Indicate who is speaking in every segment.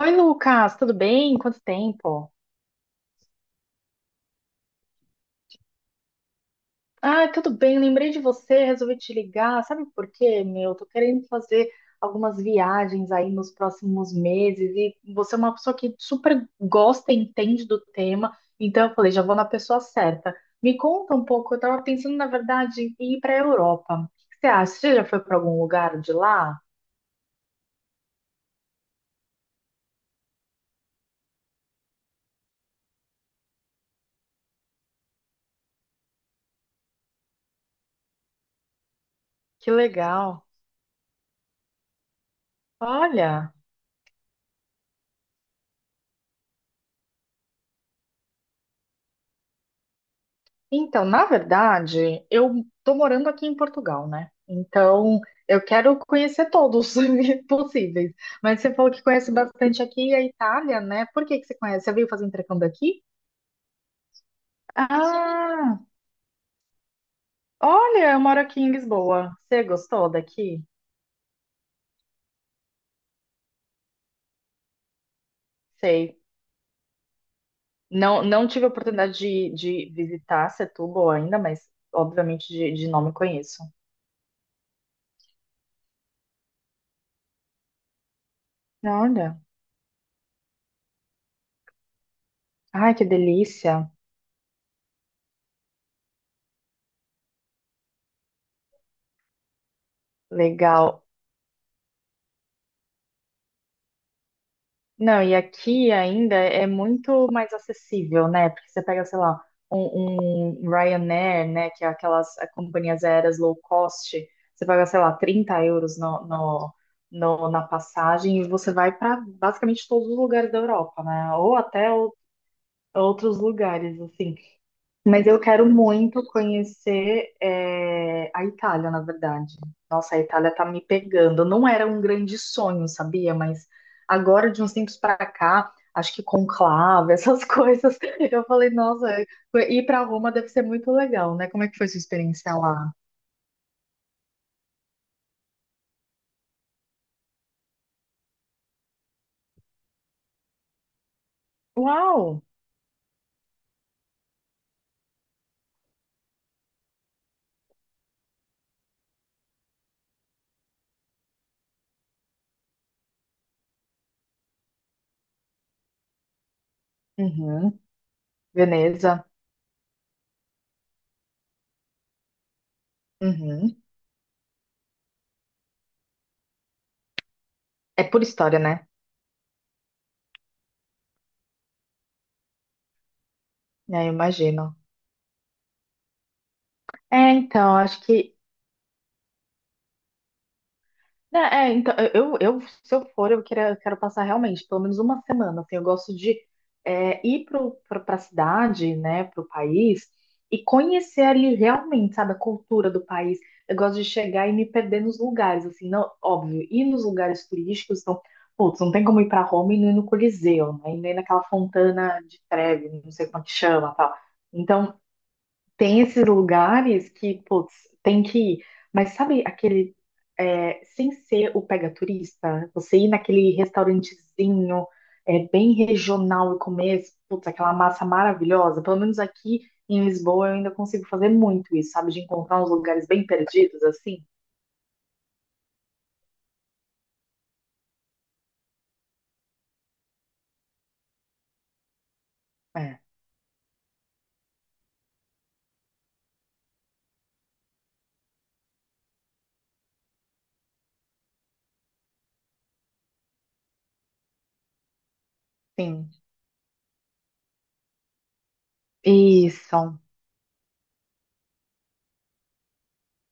Speaker 1: Oi, Lucas, tudo bem? Quanto tempo? Ah, tudo bem, lembrei de você, resolvi te ligar. Sabe por quê, meu? Tô querendo fazer algumas viagens aí nos próximos meses e você é uma pessoa que super gosta e entende do tema, então eu falei, já vou na pessoa certa. Me conta um pouco, eu tava pensando, na verdade, em ir pra Europa. O que você acha? Você já foi pra algum lugar de lá? Que legal. Olha. Então, na verdade, eu tô morando aqui em Portugal, né? Então, eu quero conhecer todos possíveis. Mas você falou que conhece bastante aqui a Itália, né? Por que que você conhece? Você veio fazer intercâmbio aqui? Ah, olha, eu moro aqui em Lisboa. Você gostou daqui? Sei. Não, não tive a oportunidade de visitar Setúbal ainda, mas obviamente de nome conheço. Olha, ai, que delícia. Legal. Não, e aqui ainda é muito mais acessível, né? Porque você pega, sei lá, um Ryanair, né? Que é aquelas companhias aéreas low cost, você paga, sei lá, 30 euros na passagem e você vai para basicamente todos os lugares da Europa, né? Ou até outros lugares, assim. Mas eu quero muito conhecer a Itália, na verdade. Nossa, a Itália tá me pegando. Não era um grande sonho, sabia? Mas agora, de uns tempos para cá, acho que conclave, essas coisas, eu falei, nossa, ir para Roma deve ser muito legal, né? Como é que foi sua experiência lá? Uau! Uhum. Veneza. Uhum. É por história, né? É, eu imagino. É, então, acho que Né, é, então, eu, se eu for, eu quero, quero passar realmente pelo menos uma semana, assim, eu gosto de ir para a cidade, né, para o país, e conhecer ali realmente, sabe, a cultura do país. Eu gosto de chegar e me perder nos lugares, assim, não, óbvio, ir nos lugares turísticos, então, putz, não tem como ir para Roma e não ir no Coliseu, né, e nem naquela Fontana de Trevi, não sei como é que chama, tal. Então, tem esses lugares que, putz, tem que ir. Mas sabe aquele, sem ser o pega turista, você ir naquele restaurantezinho, bem regional e comer, putz, aquela massa maravilhosa. Pelo menos aqui em Lisboa eu ainda consigo fazer muito isso, sabe? De encontrar uns lugares bem perdidos, assim. É, sim. Isso,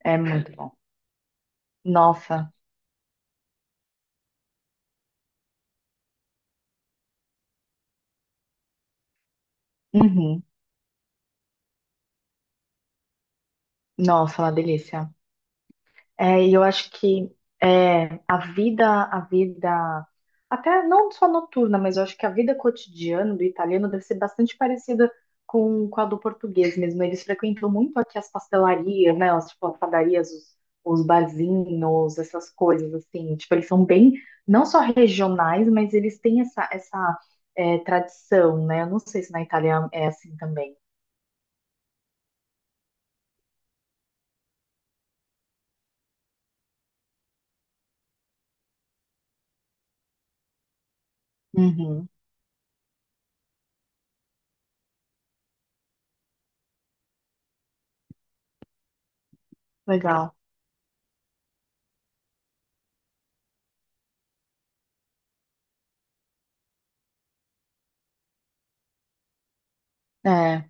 Speaker 1: é muito bom. Nossa, uhum. Nossa, uma delícia. É, e eu acho que a vida, até não só noturna, mas eu acho que a vida cotidiana do italiano deve ser bastante parecida com a do português mesmo. Eles frequentam muito aqui as pastelarias, né? Tipo, padarias, os barzinhos, essas coisas assim. Tipo, eles são bem, não só regionais, mas eles têm essa tradição, né? Eu não sei se na Itália é assim também. Uhum, legal. É.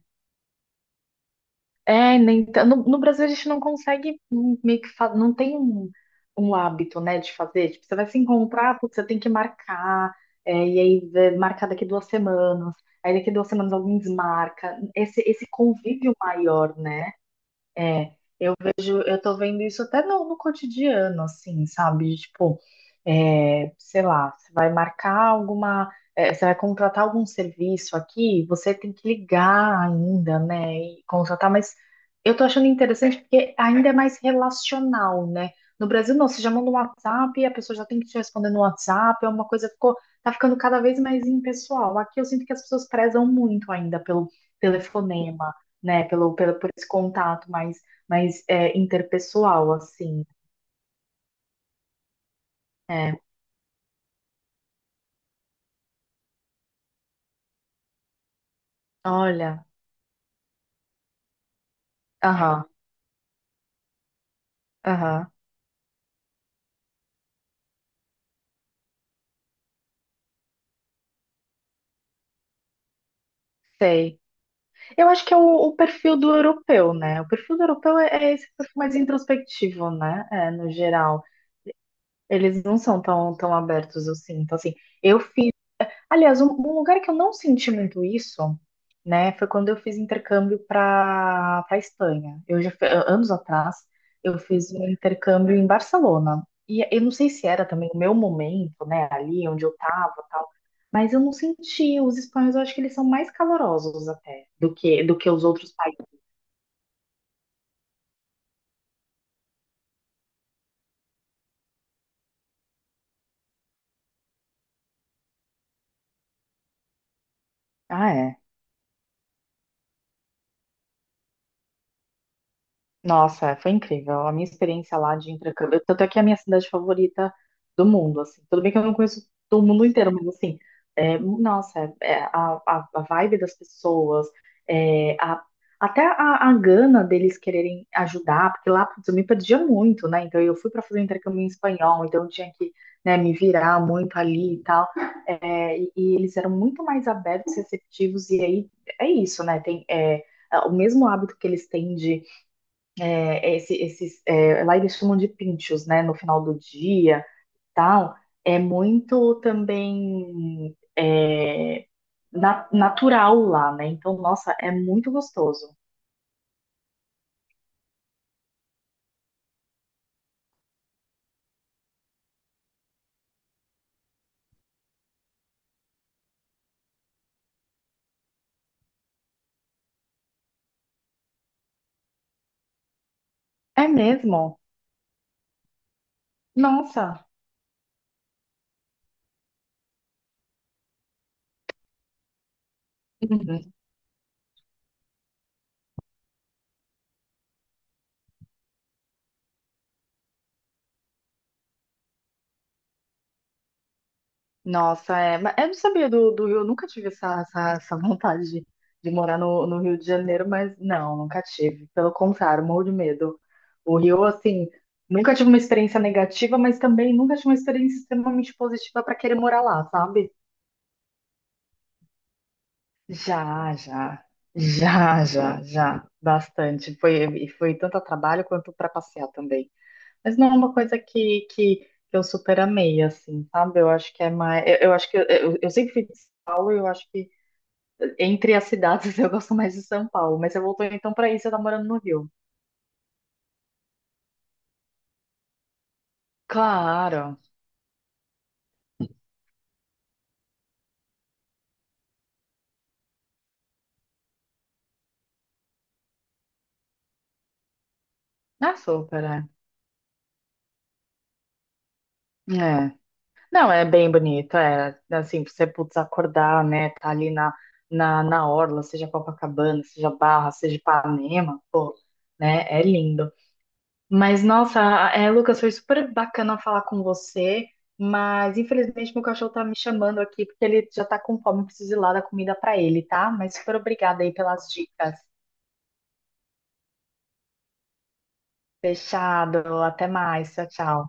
Speaker 1: É, nem, no Brasil a gente não consegue meio que não tem um hábito, né, de fazer. Tipo, você vai se encontrar, putz, você tem que marcar, e aí marcar daqui duas semanas, aí daqui duas semanas alguém desmarca. Esse convívio maior, né? é, eu tô vendo isso até no cotidiano, assim, sabe? Tipo, sei lá, você vai marcar alguma, você vai contratar algum serviço aqui, você tem que ligar ainda, né? E contratar, mas eu tô achando interessante porque ainda é mais relacional, né? No Brasil, não, você já manda um WhatsApp, a pessoa já tem que te responder no WhatsApp, é uma coisa que ficou, tá ficando cada vez mais impessoal. Aqui eu sinto que as pessoas prezam muito ainda pelo telefonema, né, por esse contato mais mas é interpessoal, assim. É, olha, aham, aham, sei. Eu acho que é o perfil do europeu, né? O perfil do europeu é esse perfil mais introspectivo, né? É, no geral. Eles não são tão abertos, eu sinto. Assim, eu fiz Aliás, um lugar que eu não senti muito isso, né, foi quando eu fiz intercâmbio para Espanha. Eu já anos atrás eu fiz um intercâmbio em Barcelona. E eu não sei se era também o meu momento, né, ali onde eu estava, tal, mas eu não senti. Os espanhóis, eu acho que eles são mais calorosos até do que os outros países. Ah, é. Nossa, foi incrível. A minha experiência lá de intercâmbio, tanto é que é a minha cidade favorita do mundo, assim. Tudo bem que eu não conheço todo mundo inteiro, mas assim, nossa, a vibe das pessoas, é, a- até a gana deles quererem ajudar, porque lá, putz, eu me perdia muito, né? Então eu fui para fazer um intercâmbio em espanhol, então eu tinha que, né, me virar muito ali e tal. É, e eles eram muito mais abertos, receptivos, e aí é isso, né? Tem, o mesmo hábito que eles têm de lá eles chamam de pinchos, né? No final do dia, tal. É muito também natural lá, né? Então, nossa, é muito gostoso. É mesmo? Nossa. Nossa, é. Mas eu não sabia do Rio, eu nunca tive essa vontade de morar no Rio de Janeiro, mas não, nunca tive. Pelo contrário, morro de medo. O Rio, assim, nunca tive uma experiência negativa, mas também nunca tive uma experiência extremamente positiva para querer morar lá, sabe? Já, já. Já, já, já. Bastante. E foi tanto a trabalho quanto para passear também. Mas não é uma coisa que eu super amei, assim, sabe? Eu acho que é mais. Eu acho que eu sempre fui de São Paulo e eu acho que entre as cidades, eu gosto mais de São Paulo, mas você voltou então pra aí, você tá morando no Rio. Claro. Ah, super, é. É. Não, é bem bonito, é. Assim, você putz, acordar, né? Tá ali na orla, seja Copacabana, seja Barra, seja Ipanema, né? É lindo. Mas, nossa, Lucas, foi super bacana falar com você, mas infelizmente meu cachorro tá me chamando aqui porque ele já tá com fome, eu preciso ir lá dar comida pra ele, tá? Mas super obrigada aí pelas dicas. Fechado. Até mais. Tchau, tchau.